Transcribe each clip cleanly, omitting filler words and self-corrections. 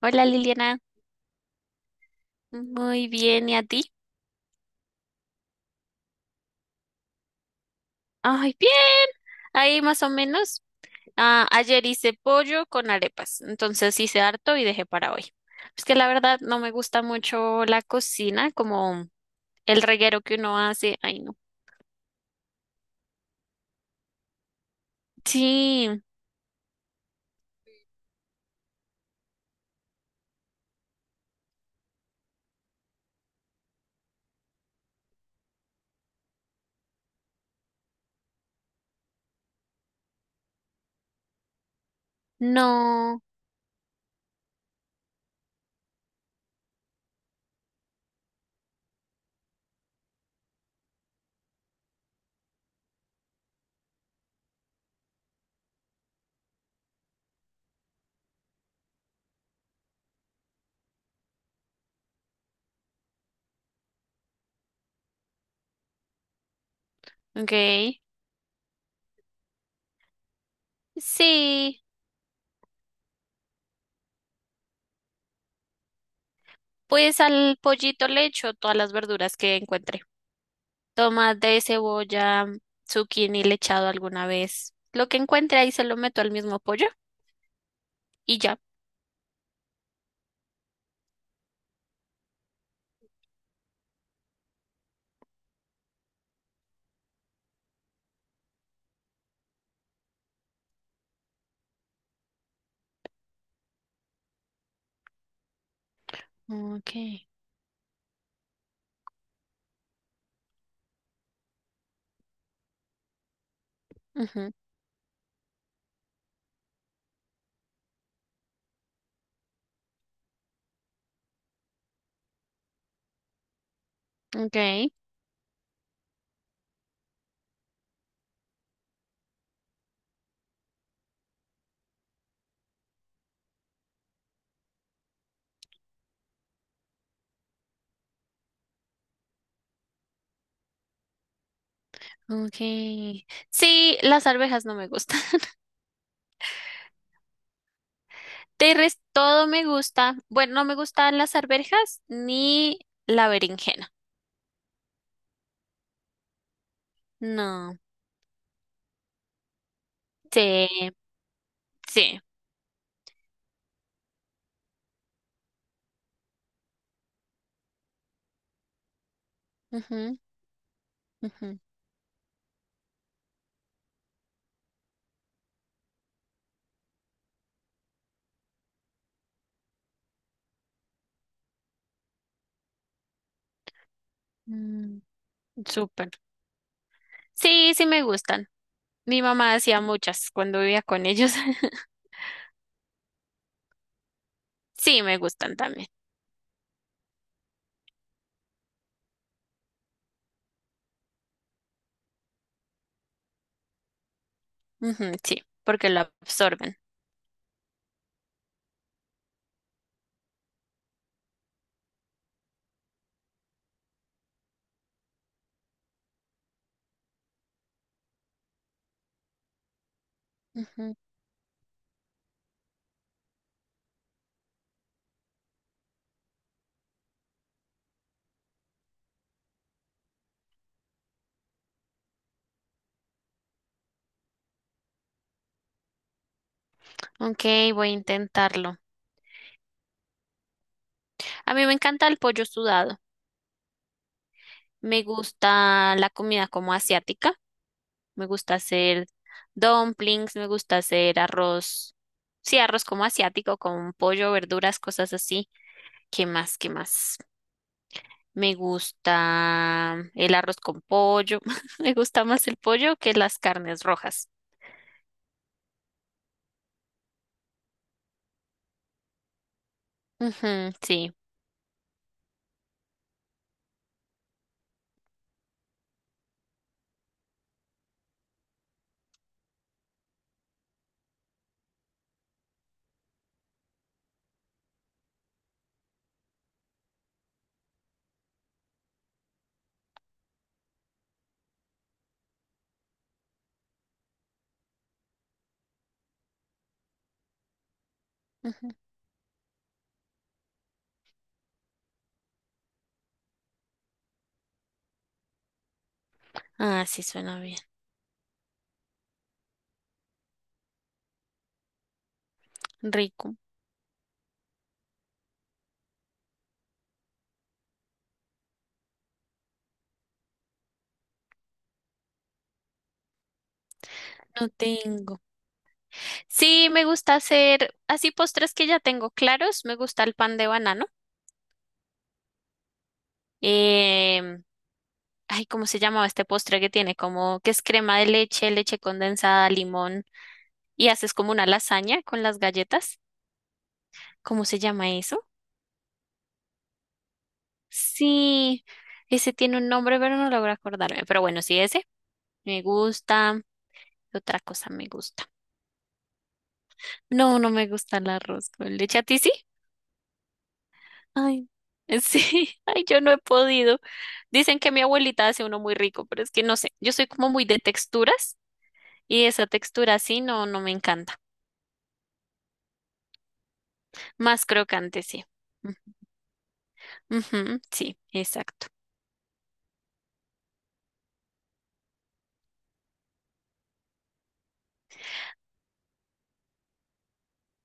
Hola Liliana, muy bien, ¿y a ti? Ay, bien, ahí más o menos. Ah, ayer hice pollo con arepas, entonces hice harto y dejé para hoy. Es que la verdad no me gusta mucho la cocina, como el reguero que uno hace. Ay, no. Sí, no, ok. Sí, pues al pollito le echo todas las verduras que encuentre. Tomate, cebolla, zucchini le he echado alguna vez. Lo que encuentre ahí se lo meto al mismo pollo y ya. Okay. Ujú. Okay. Okay. Sí, las arvejas no me gustan. De resto, todo me gusta. Bueno, no me gustan las arvejas ni la berenjena. No. Sí, sí. Ujú. Ujú. Mm. súper. Sí, sí me gustan. Mi mamá hacía muchas cuando vivía con ellos. Sí, me gustan también. Ujú, sí, porque lo absorben. Ujú. Ok, voy a intentarlo. A mí me encanta el pollo sudado. Me gusta la comida como asiática. Me gusta hacer dumplings, me gusta hacer arroz. Sí, arroz como asiático, con pollo, verduras, cosas así. ¿Qué más? ¿Qué más? Me gusta el arroz con pollo. Me gusta más el pollo que las carnes rojas. Ujú, sí. Ujú. Ah, sí, suena bien. Rico. No tengo. Sí, me gusta hacer así postres que ya tengo claros. Me gusta el pan de banano. Em, Ay, ¿cómo se llamaba este postre que tiene? Como que es crema de leche, leche condensada, limón y haces como una lasaña con las galletas. ¿Cómo se llama eso? Sí, ese tiene un nombre, pero no logro acordarme. Pero bueno, sí, ese me gusta. ¿Qué otra cosa me gusta? No, no me gusta el arroz con leche. ¿A ti sí? Ay, sí. Ay, yo no he podido. Dicen que mi abuelita hace uno muy rico, pero es que no sé. Yo soy como muy de texturas y esa textura así no, no me encanta. Más crocante, sí. Ujú, sí, exacto.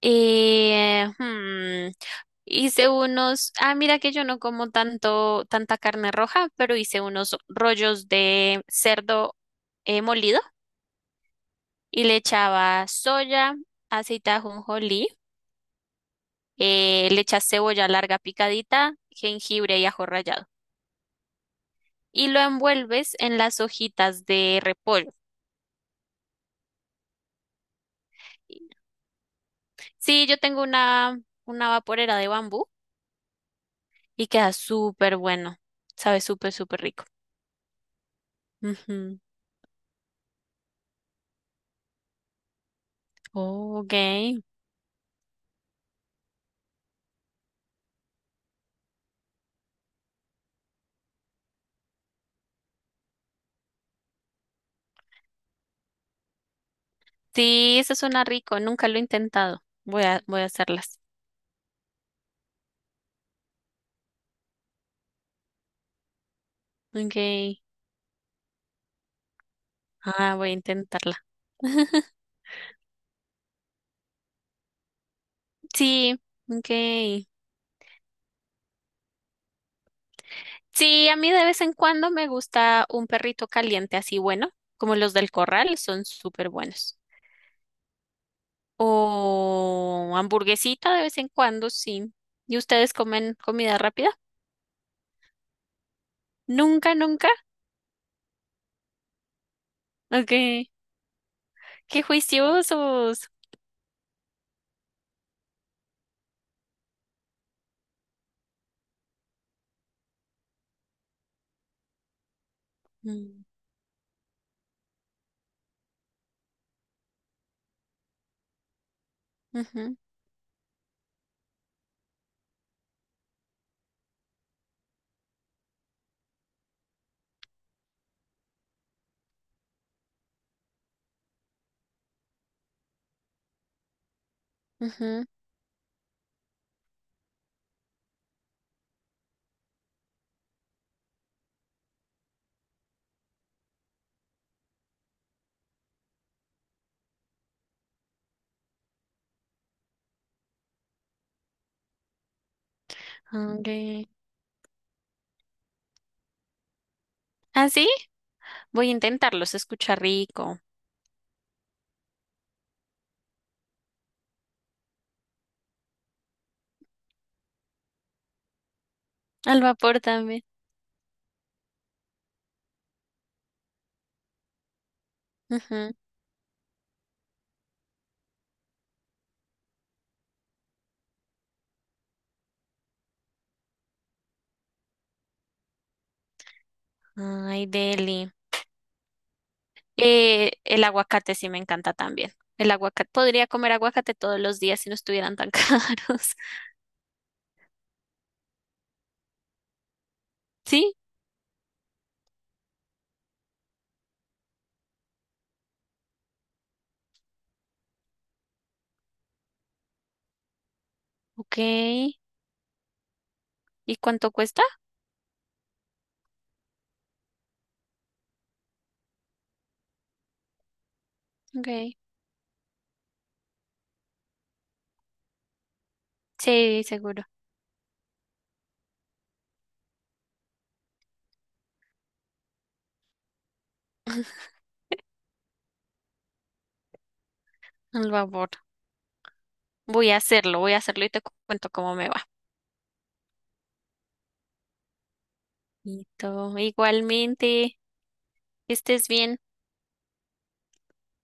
Eh, hmm, Mira que yo no como tanta carne roja, pero hice unos rollos de cerdo molido, y le echaba soya, aceite de ajonjolí, le echas cebolla larga picadita, jengibre y ajo rallado. Y lo envuelves en las hojitas de repollo. Sí, yo tengo una vaporera de bambú y queda súper bueno. Sabe súper, súper rico. Ujú. Oh, ok. Sí, eso suena rico. Nunca lo he intentado. Voy a hacerlas. Ok. Ah, voy a intentarla. Sí, ok. Sí, a mí de vez en cuando me gusta un perrito caliente así bueno, como los del corral, son súper buenos. O hamburguesita de vez en cuando, sí. ¿Y ustedes comen comida rápida? Nunca, nunca. Ok. Qué juiciosos. Mm. Ujú. Ujú. Hombre. ¿Ah, sí? Voy a intentarlo, se escucha rico. Al vapor también. Ujú. Ay, deli. El aguacate sí me encanta también. El aguacate. Podría comer aguacate todos los días si no estuvieran tan caros. ¿Sí? Ok. ¿Y cuánto cuesta? Ok. Sí, seguro. Al vapor. Voy a hacerlo y cuento cómo me va. Listo. Igualmente, que estés bien.